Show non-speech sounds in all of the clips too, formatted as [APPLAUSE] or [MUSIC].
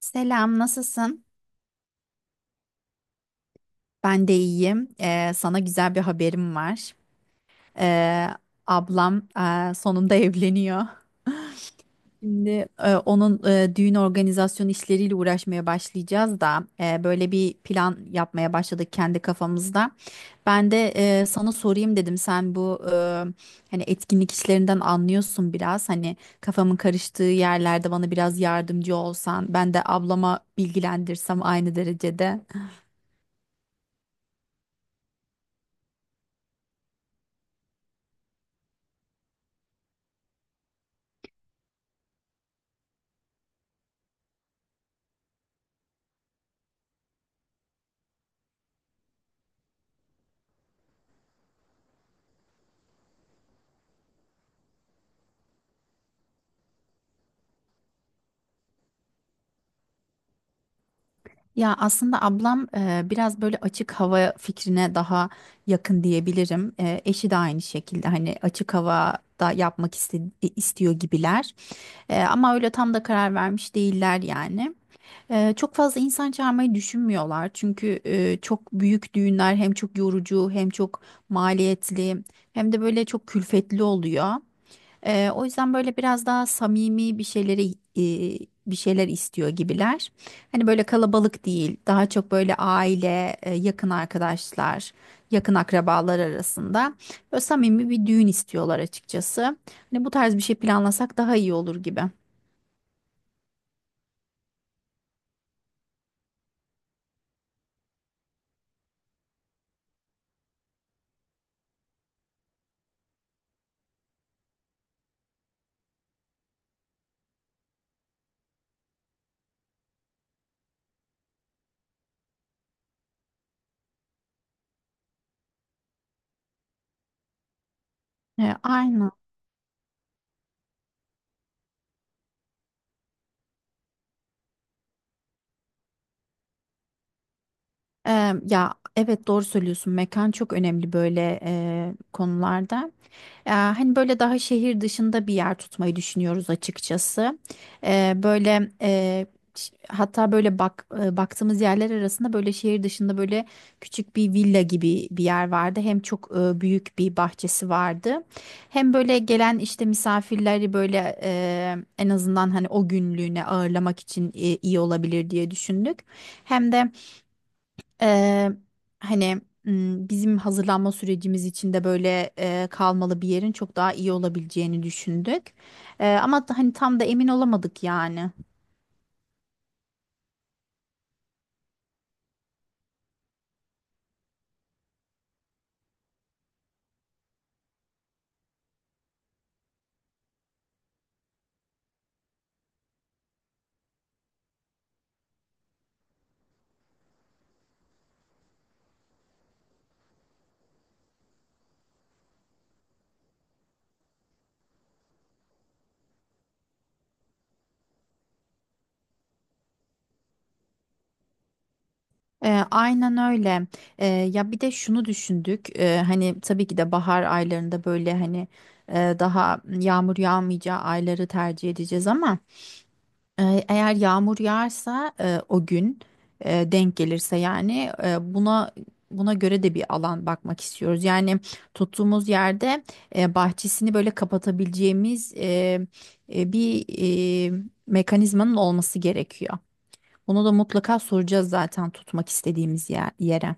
Selam, nasılsın? Ben de iyiyim. Sana güzel bir haberim var. Ee, Ablam sonunda [LAUGHS] evleniyor. Şimdi onun düğün organizasyon işleriyle uğraşmaya başlayacağız da böyle bir plan yapmaya başladık kendi kafamızda. Ben de sana sorayım dedim. Sen bu hani etkinlik işlerinden anlıyorsun biraz. Hani kafamın karıştığı yerlerde bana biraz yardımcı olsan, ben de ablama bilgilendirsem aynı derecede. Ya aslında ablam biraz böyle açık hava fikrine daha yakın diyebilirim. E, eşi de aynı şekilde hani açık havada yapmak istiyor gibiler. Ama öyle tam da karar vermiş değiller yani. Çok fazla insan çağırmayı düşünmüyorlar. Çünkü çok büyük düğünler hem çok yorucu hem çok maliyetli hem de böyle çok külfetli oluyor. O yüzden böyle biraz daha samimi bir şeyleri e, bir şeyler istiyor gibiler. Hani böyle kalabalık değil, daha çok böyle aile, yakın arkadaşlar, yakın akrabalar arasında böyle samimi bir düğün istiyorlar açıkçası. Hani bu tarz bir şey planlasak daha iyi olur gibi. Aynen. Ya evet doğru söylüyorsun. Mekan çok önemli böyle konularda. Ya, hani böyle daha şehir dışında bir yer tutmayı düşünüyoruz açıkçası. Eee, böyle eee, Hatta böyle bak baktığımız yerler arasında böyle şehir dışında böyle küçük bir villa gibi bir yer vardı. Hem çok büyük bir bahçesi vardı. Hem böyle gelen işte misafirleri böyle en azından hani o günlüğüne ağırlamak için iyi olabilir diye düşündük. Hem de Eee, hani bizim hazırlanma sürecimiz için de böyle kalmalı bir yerin çok daha iyi olabileceğini düşündük. Ama hani tam da emin olamadık yani. Aynen öyle. Eee, Ya bir de şunu düşündük. Hani tabii ki de bahar aylarında böyle hani daha yağmur yağmayacağı ayları tercih edeceğiz ama. Eğer yağmur yağarsa o gün denk gelirse yani buna göre de bir alan bakmak istiyoruz. Yani tuttuğumuz yerde bahçesini böyle kapatabileceğimiz bir mekanizmanın olması gerekiyor. Bunu da mutlaka soracağız zaten tutmak istediğimiz yere.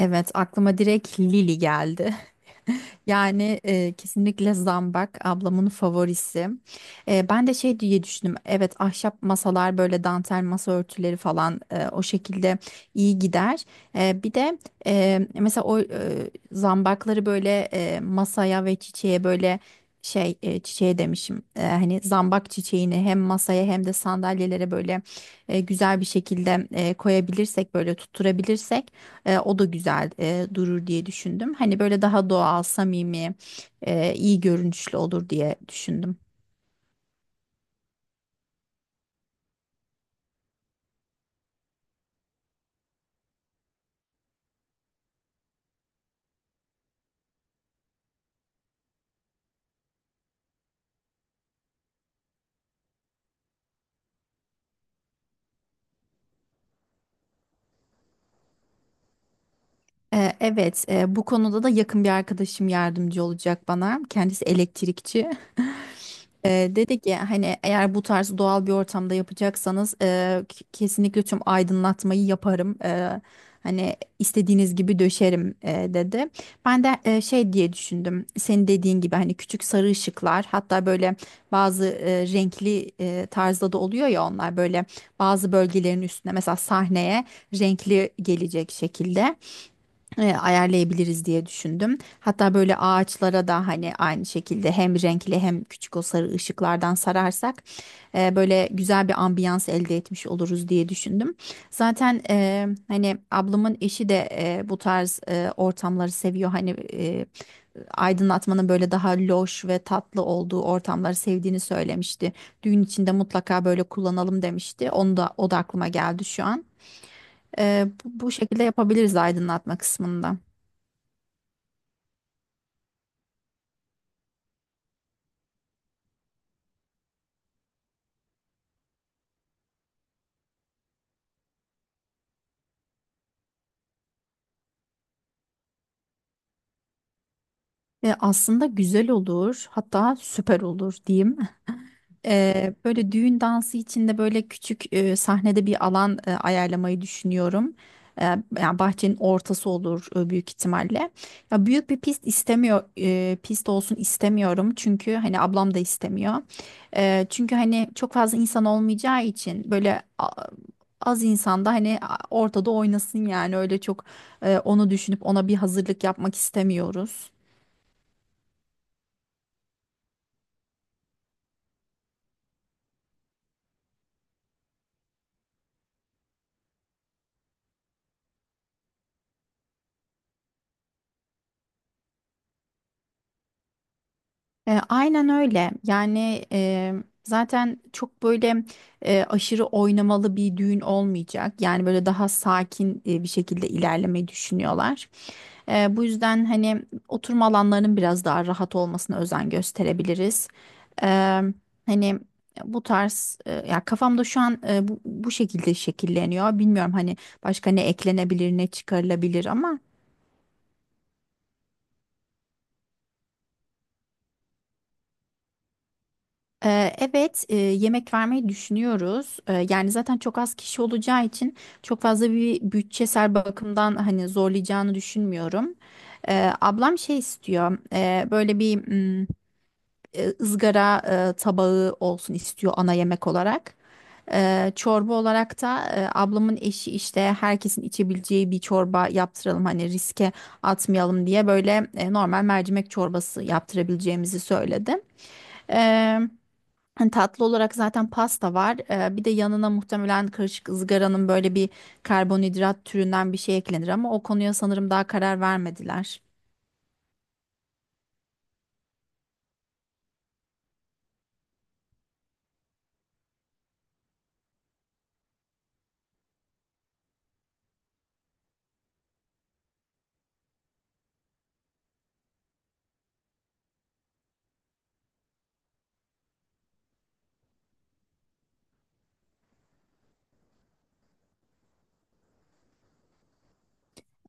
Evet, aklıma direkt Lili geldi. Yani kesinlikle zambak ablamın favorisi. Ben de şey diye düşündüm. Evet ahşap masalar böyle dantel masa örtüleri falan o şekilde iyi gider. Bir de mesela o zambakları böyle masaya ve çiçeğe böyle şey çiçeğe demişim. Hani zambak çiçeğini hem masaya hem de sandalyelere böyle güzel bir şekilde koyabilirsek böyle tutturabilirsek. O da güzel durur diye düşündüm. Hani böyle daha doğal, samimi, iyi görünüşlü olur diye düşündüm. Evet, bu konuda da yakın bir arkadaşım yardımcı olacak bana. Kendisi elektrikçi. E, Dedi ki hani eğer bu tarz doğal bir ortamda yapacaksanız kesinlikle tüm aydınlatmayı yaparım. Hani istediğiniz gibi döşerim dedi. Ben de şey diye düşündüm. Senin dediğin gibi hani küçük sarı ışıklar hatta böyle bazı renkli tarzda da oluyor ya onlar böyle bazı bölgelerin üstüne mesela sahneye renkli gelecek şekilde ayarlayabiliriz diye düşündüm. Hatta böyle ağaçlara da hani aynı şekilde hem renkli hem küçük o sarı ışıklardan sararsak böyle güzel bir ambiyans elde etmiş oluruz diye düşündüm. Zaten hani ablamın eşi de bu tarz ortamları seviyor. Hani aydınlatmanın böyle daha loş ve tatlı olduğu ortamları sevdiğini söylemişti. Düğün içinde mutlaka böyle kullanalım demişti. Onu da o da aklıma geldi şu an. Bu şekilde yapabiliriz aydınlatma kısmında. Aslında güzel olur, hatta süper olur diyeyim. Böyle düğün dansı için de böyle küçük sahnede bir alan ayarlamayı düşünüyorum. E, Yani bahçenin ortası olur büyük ihtimalle. Ya büyük bir pist istemiyor, pist olsun istemiyorum çünkü hani ablam da istemiyor. Çünkü hani çok fazla insan olmayacağı için böyle az insanda hani ortada oynasın yani öyle çok onu düşünüp ona bir hazırlık yapmak istemiyoruz. Aynen öyle. Yani zaten çok böyle aşırı oynamalı bir düğün olmayacak. Yani böyle daha sakin bir şekilde ilerlemeyi düşünüyorlar. Bu yüzden hani oturma alanlarının biraz daha rahat olmasına özen gösterebiliriz. E, Hani bu tarz ya kafamda şu an bu şekilde şekilleniyor. Bilmiyorum hani başka ne eklenebilir ne çıkarılabilir ama. Evet, yemek vermeyi düşünüyoruz. Yani zaten çok az kişi olacağı için çok fazla bir bütçesel bakımdan hani zorlayacağını düşünmüyorum. Ablam şey istiyor, böyle bir mm, ızgara tabağı olsun istiyor ana yemek olarak. Çorba olarak da ablamın eşi işte herkesin içebileceği bir çorba yaptıralım hani riske atmayalım diye böyle normal mercimek çorbası yaptırabileceğimizi söyledi. Hani tatlı olarak zaten pasta var. Bir de yanına muhtemelen karışık ızgaranın böyle bir karbonhidrat türünden bir şey eklenir ama o konuya sanırım daha karar vermediler.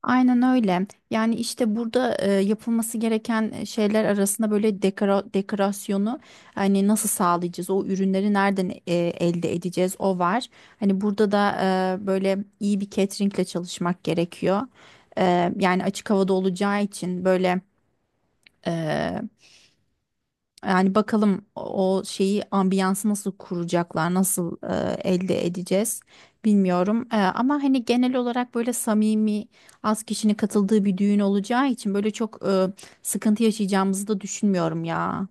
Aynen öyle. Yani işte burada yapılması gereken şeyler arasında böyle dekorasyonu hani nasıl sağlayacağız? O ürünleri nereden elde edeceğiz? O var. Hani burada da böyle iyi bir cateringle çalışmak gerekiyor. Yani açık havada olacağı için böyle e, yani bakalım o şeyi ambiyansı nasıl kuracaklar, nasıl elde edeceğiz bilmiyorum. Ama hani genel olarak böyle samimi az kişinin katıldığı bir düğün olacağı için böyle çok sıkıntı yaşayacağımızı da düşünmüyorum ya.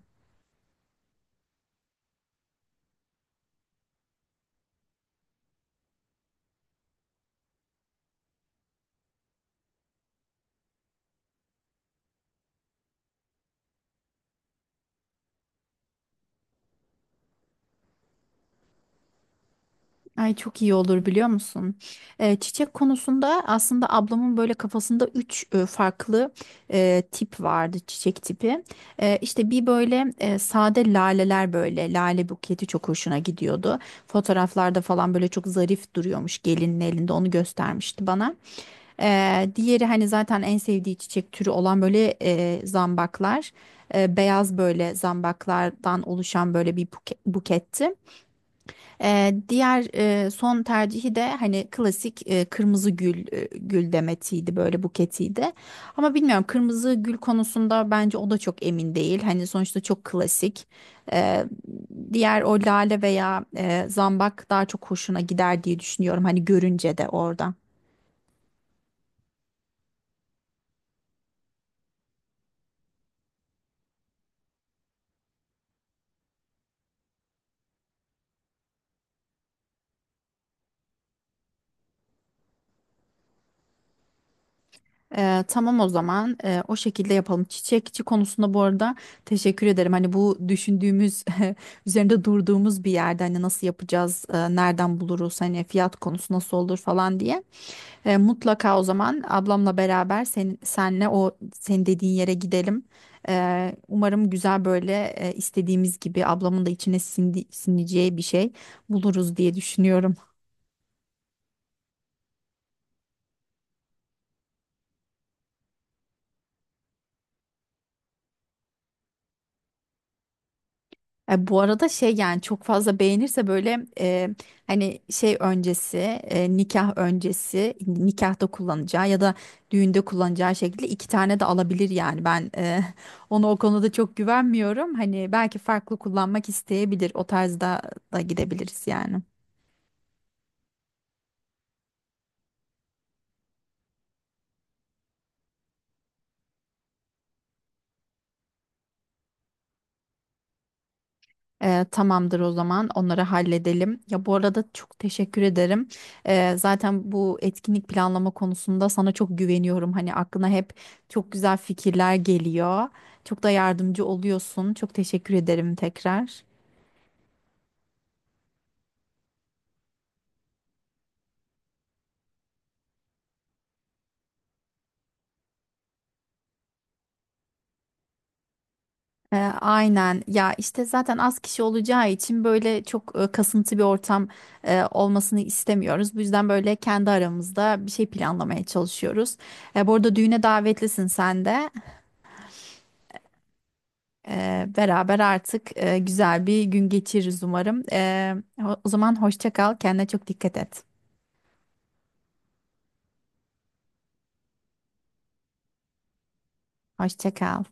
Ay çok iyi olur biliyor musun? Çiçek konusunda aslında ablamın böyle kafasında üç farklı tip vardı çiçek tipi. İşte bir böyle sade laleler böyle lale buketi çok hoşuna gidiyordu. Fotoğraflarda falan böyle çok zarif duruyormuş gelinin elinde onu göstermişti bana. Diğeri hani zaten en sevdiği çiçek türü olan böyle zambaklar. Beyaz böyle zambaklardan oluşan böyle bir buketti. Diğer son tercihi de hani klasik kırmızı gül gül demetiydi böyle buketiydi. Ama bilmiyorum kırmızı gül konusunda bence o da çok emin değil. Hani sonuçta çok klasik. Ee, Diğer o lale veya zambak daha çok hoşuna gider diye düşünüyorum. Hani görünce de oradan. Tamam o zaman. O şekilde yapalım. Çiçekçi konusunda bu arada teşekkür ederim. Hani bu düşündüğümüz [LAUGHS] üzerinde durduğumuz bir yerde hani nasıl yapacağız, nereden buluruz, hani fiyat konusu nasıl olur falan diye. Mutlaka o zaman ablamla beraber senle o senin dediğin yere gidelim. Umarım güzel böyle istediğimiz gibi ablamın da içine sineceği bir şey buluruz diye düşünüyorum. Bu arada şey yani çok fazla beğenirse böyle hani şey öncesi nikah öncesi nikahta kullanacağı ya da düğünde kullanacağı şekilde iki tane de alabilir yani ben [LAUGHS] ona o konuda çok güvenmiyorum hani belki farklı kullanmak isteyebilir o tarzda da gidebiliriz yani. Tamamdır o zaman onları halledelim. Ya bu arada çok teşekkür ederim. Zaten bu etkinlik planlama konusunda sana çok güveniyorum. Hani aklına hep çok güzel fikirler geliyor. Çok da yardımcı oluyorsun. Çok teşekkür ederim tekrar. Aynen ya işte zaten az kişi olacağı için böyle çok kasıntı bir ortam olmasını istemiyoruz. Bu yüzden böyle kendi aramızda bir şey planlamaya çalışıyoruz. Bu arada düğüne davetlisin sen de. Beraber artık güzel bir gün geçiririz umarım. O zaman hoşça kal, kendine çok dikkat et. Hoşça kal.